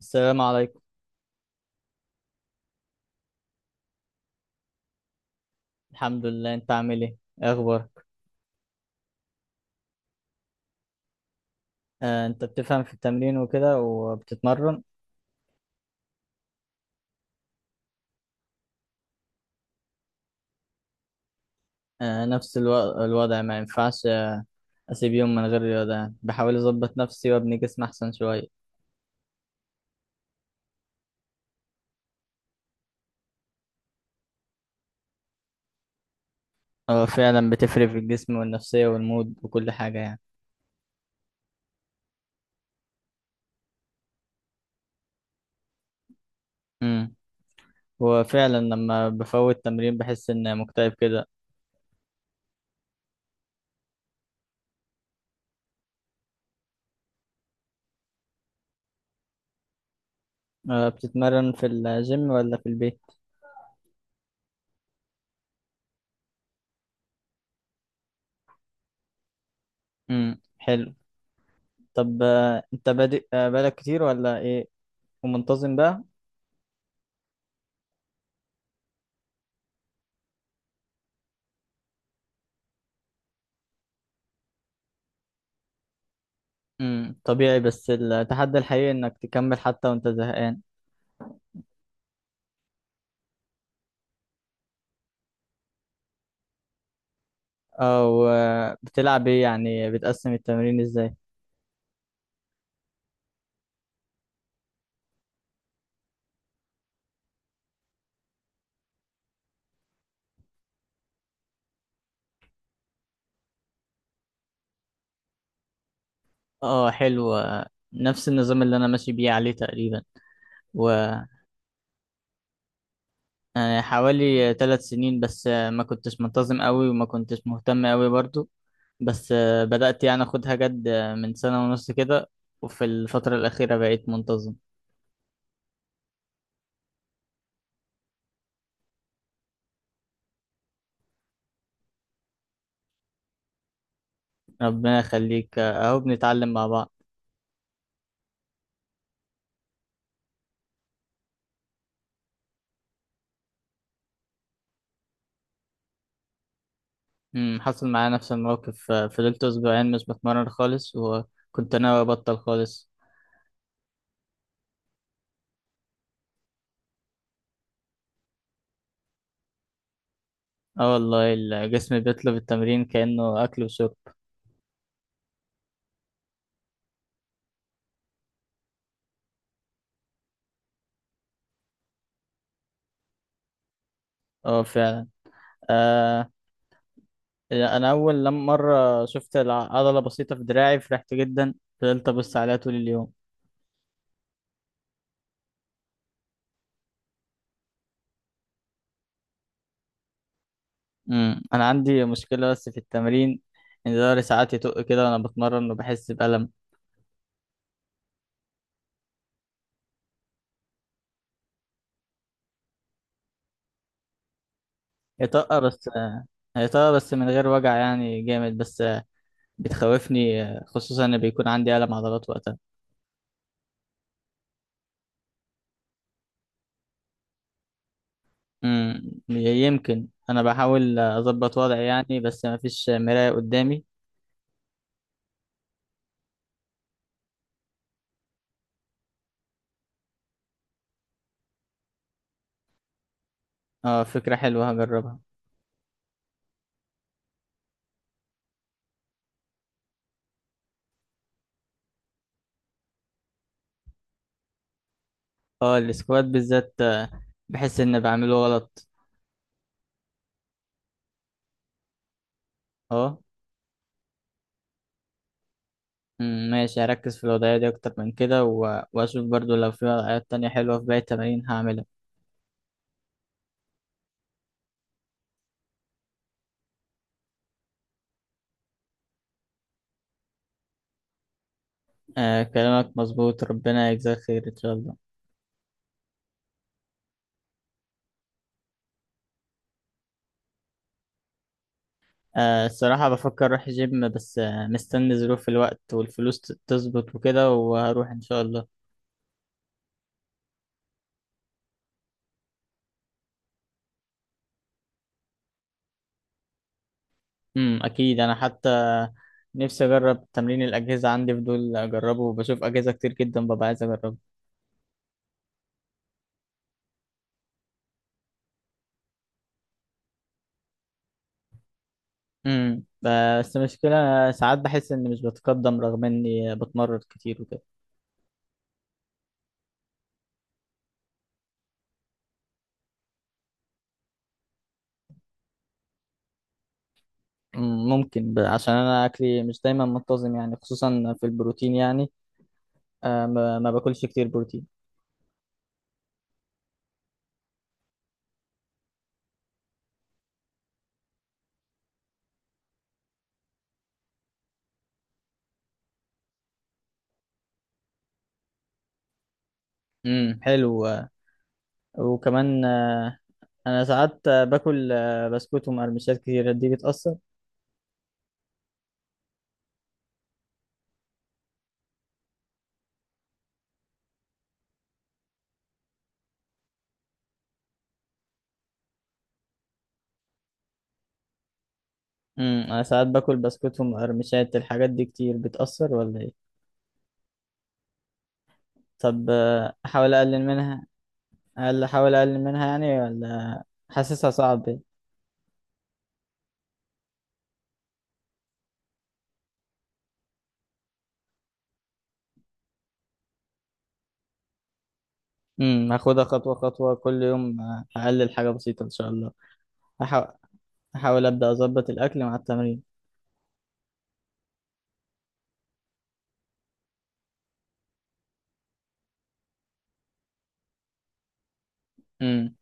السلام عليكم. الحمد لله، انت عامل ايه؟ ايه اخبارك؟ آه، انت بتفهم في التمرين وكده وبتتمرن؟ آه، نفس الوضع ما ينفعش. اسيب يوم من غير رياضة يعني، بحاول اظبط نفسي وابني جسم احسن شوية. هو فعلا بتفرق في الجسم والنفسية والمود وكل حاجة يعني. امم. هو فعلا لما بفوت تمرين بحس ان مكتئب كده. آه، بتتمرن في الجيم ولا في البيت؟ امم، حلو. طب، انت بادئ بقالك كتير ولا ايه؟ ومنتظم بقى؟ امم، طبيعي، بس التحدي الحقيقي انك تكمل حتى وانت زهقان. او بتلعب ايه يعني، بتقسم التمرين ازاي؟ اه حلو، نفس النظام اللي انا ماشي بيه عليه تقريبا. وحوالي 3 سنين بس، ما كنتش منتظم قوي وما كنتش مهتم قوي برضو. بس بدأت يعني اخدها جد، من سنة ونص كده، وفي الفترة الأخيرة بقيت منتظم. ربنا يخليك، اهو بنتعلم مع بعض. أمم، حصل معايا نفس الموقف، فضلت أسبوعين مش بتمرن خالص وكنت ناوي أبطل خالص. اه والله الجسم بيطلب التمرين كأنه أكل وشرب. اه فعلا. آه. يعني أنا أول لما مرة شفت عضلة بسيطة في دراعي فرحت جدا. فضلت أبص عليها طول اليوم. أمم، أنا عندي مشكلة بس في التمرين، إن ظهري ساعات يطق كده وأنا بتمرن وبحس بألم. يطق بس هيطق بس من غير وجع يعني جامد بس، بتخوفني خصوصا إن بيكون عندي ألم عضلات وقتها. امم، يمكن انا بحاول اظبط وضعي يعني، بس ما فيش مراية قدامي. اه، فكرة حلوة هجربها. اه السكوات بالذات، بحس ان بعمله غلط. اه. أمم، ماشي، هركز في الوضعية دي اكتر من كده واشوف برضو لو في وضعيات تانية حلوة في باقي التمارين هعملها. آه كلامك مظبوط، ربنا يجزاك خير ان شاء الله. آه الصراحة بفكر اروح جيم، بس مستني ظروف الوقت والفلوس تظبط وكده وهروح ان شاء الله. اكيد، انا حتى نفسي اجرب تمرين الاجهزه، عندي فضول اجربه وبشوف اجهزه كتير جدا ببقى عايز اجربه. امم، بس المشكله ساعات بحس اني مش بتقدم رغم اني بتمرن كتير وكده. أمم، ممكن عشان انا اكلي مش دايما منتظم يعني خصوصا في البروتين يعني. آه، ما باكلش كتير بروتين. حلو. وكمان انا ساعات باكل بسكوت ومقرمشات كتير دي بتأثر. امم، انا ساعات باكل بسكوت ومقرمشات، الحاجات دي كتير بتأثر ولا ايه؟ طب احاول اقلل منها. هل احاول اقلل منها يعني ولا؟ حاسسها صعب. امم، هاخدها خطوة خطوة، كل يوم هقلل حاجة بسيطة ان شاء الله. هحاول. احاول ابدا اظبط الاكل مع التمرين. امم.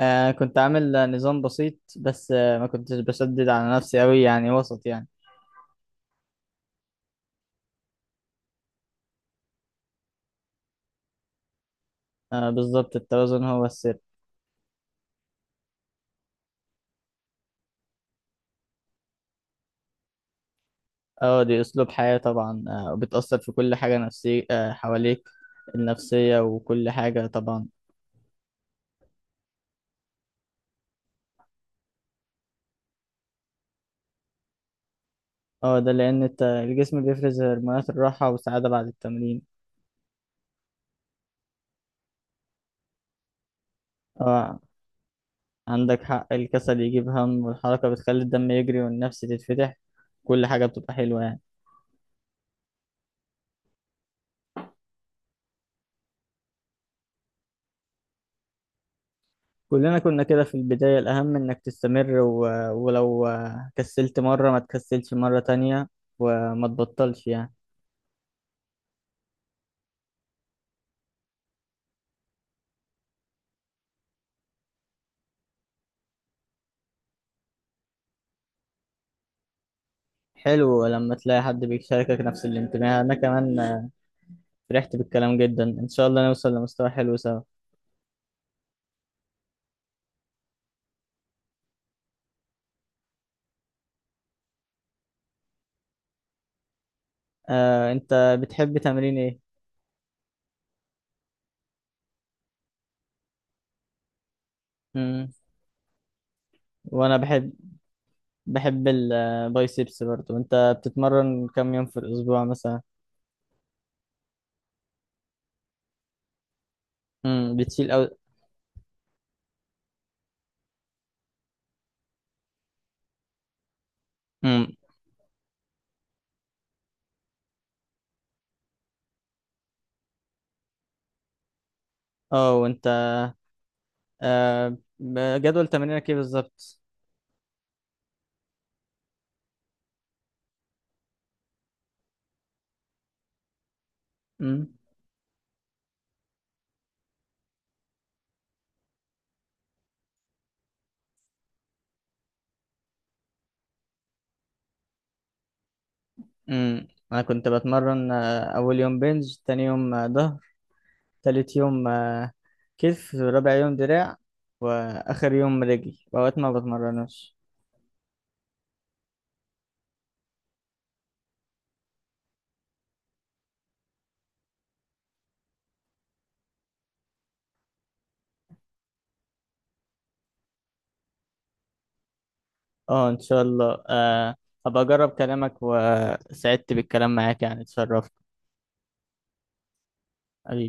آه كنت عامل نظام بسيط، بس ما كنتش بشدد على نفسي قوي يعني وسط يعني. آه بالظبط، التوازن هو السر. اه دي اسلوب حياة طبعا، وبتأثر في كل حاجة نفسية، حواليك النفسية وكل حاجة طبعا. اه ده لأن الجسم بيفرز هرمونات الراحة والسعادة بعد التمرين. اه عندك حق، الكسل يجيب هم والحركة بتخلي الدم يجري والنفس تتفتح، كل حاجة بتبقى حلوة يعني. كلنا كنا كده في البداية، الأهم إنك تستمر ولو كسلت مرة ما تكسلش مرة تانية وما تبطلش يعني. حلو لما تلاقي حد بيشاركك نفس الانتماء، أنا كمان فرحت بالكلام جدا، إن شاء الله نوصل لمستوى حلو سوا. آه، أنت بتحب تمرين إيه؟ مم. وأنا بحب. بحب البايسبس برضو. انت بتتمرن كم يوم في الاسبوع مثلا؟ امم، بتشيل او. امم. اه وانت، جدول تمرينك ايه بالظبط؟ امم. امم، انا كنت بتمرن اول يوم بنج، تاني يوم ظهر، تالت يوم كتف، رابع يوم دراع، واخر يوم رجل، واوقات ما بتمرنوش. اه ان شاء الله. هبقى اجرب كلامك، وسعدت بالكلام معاك يعني، اتشرفت.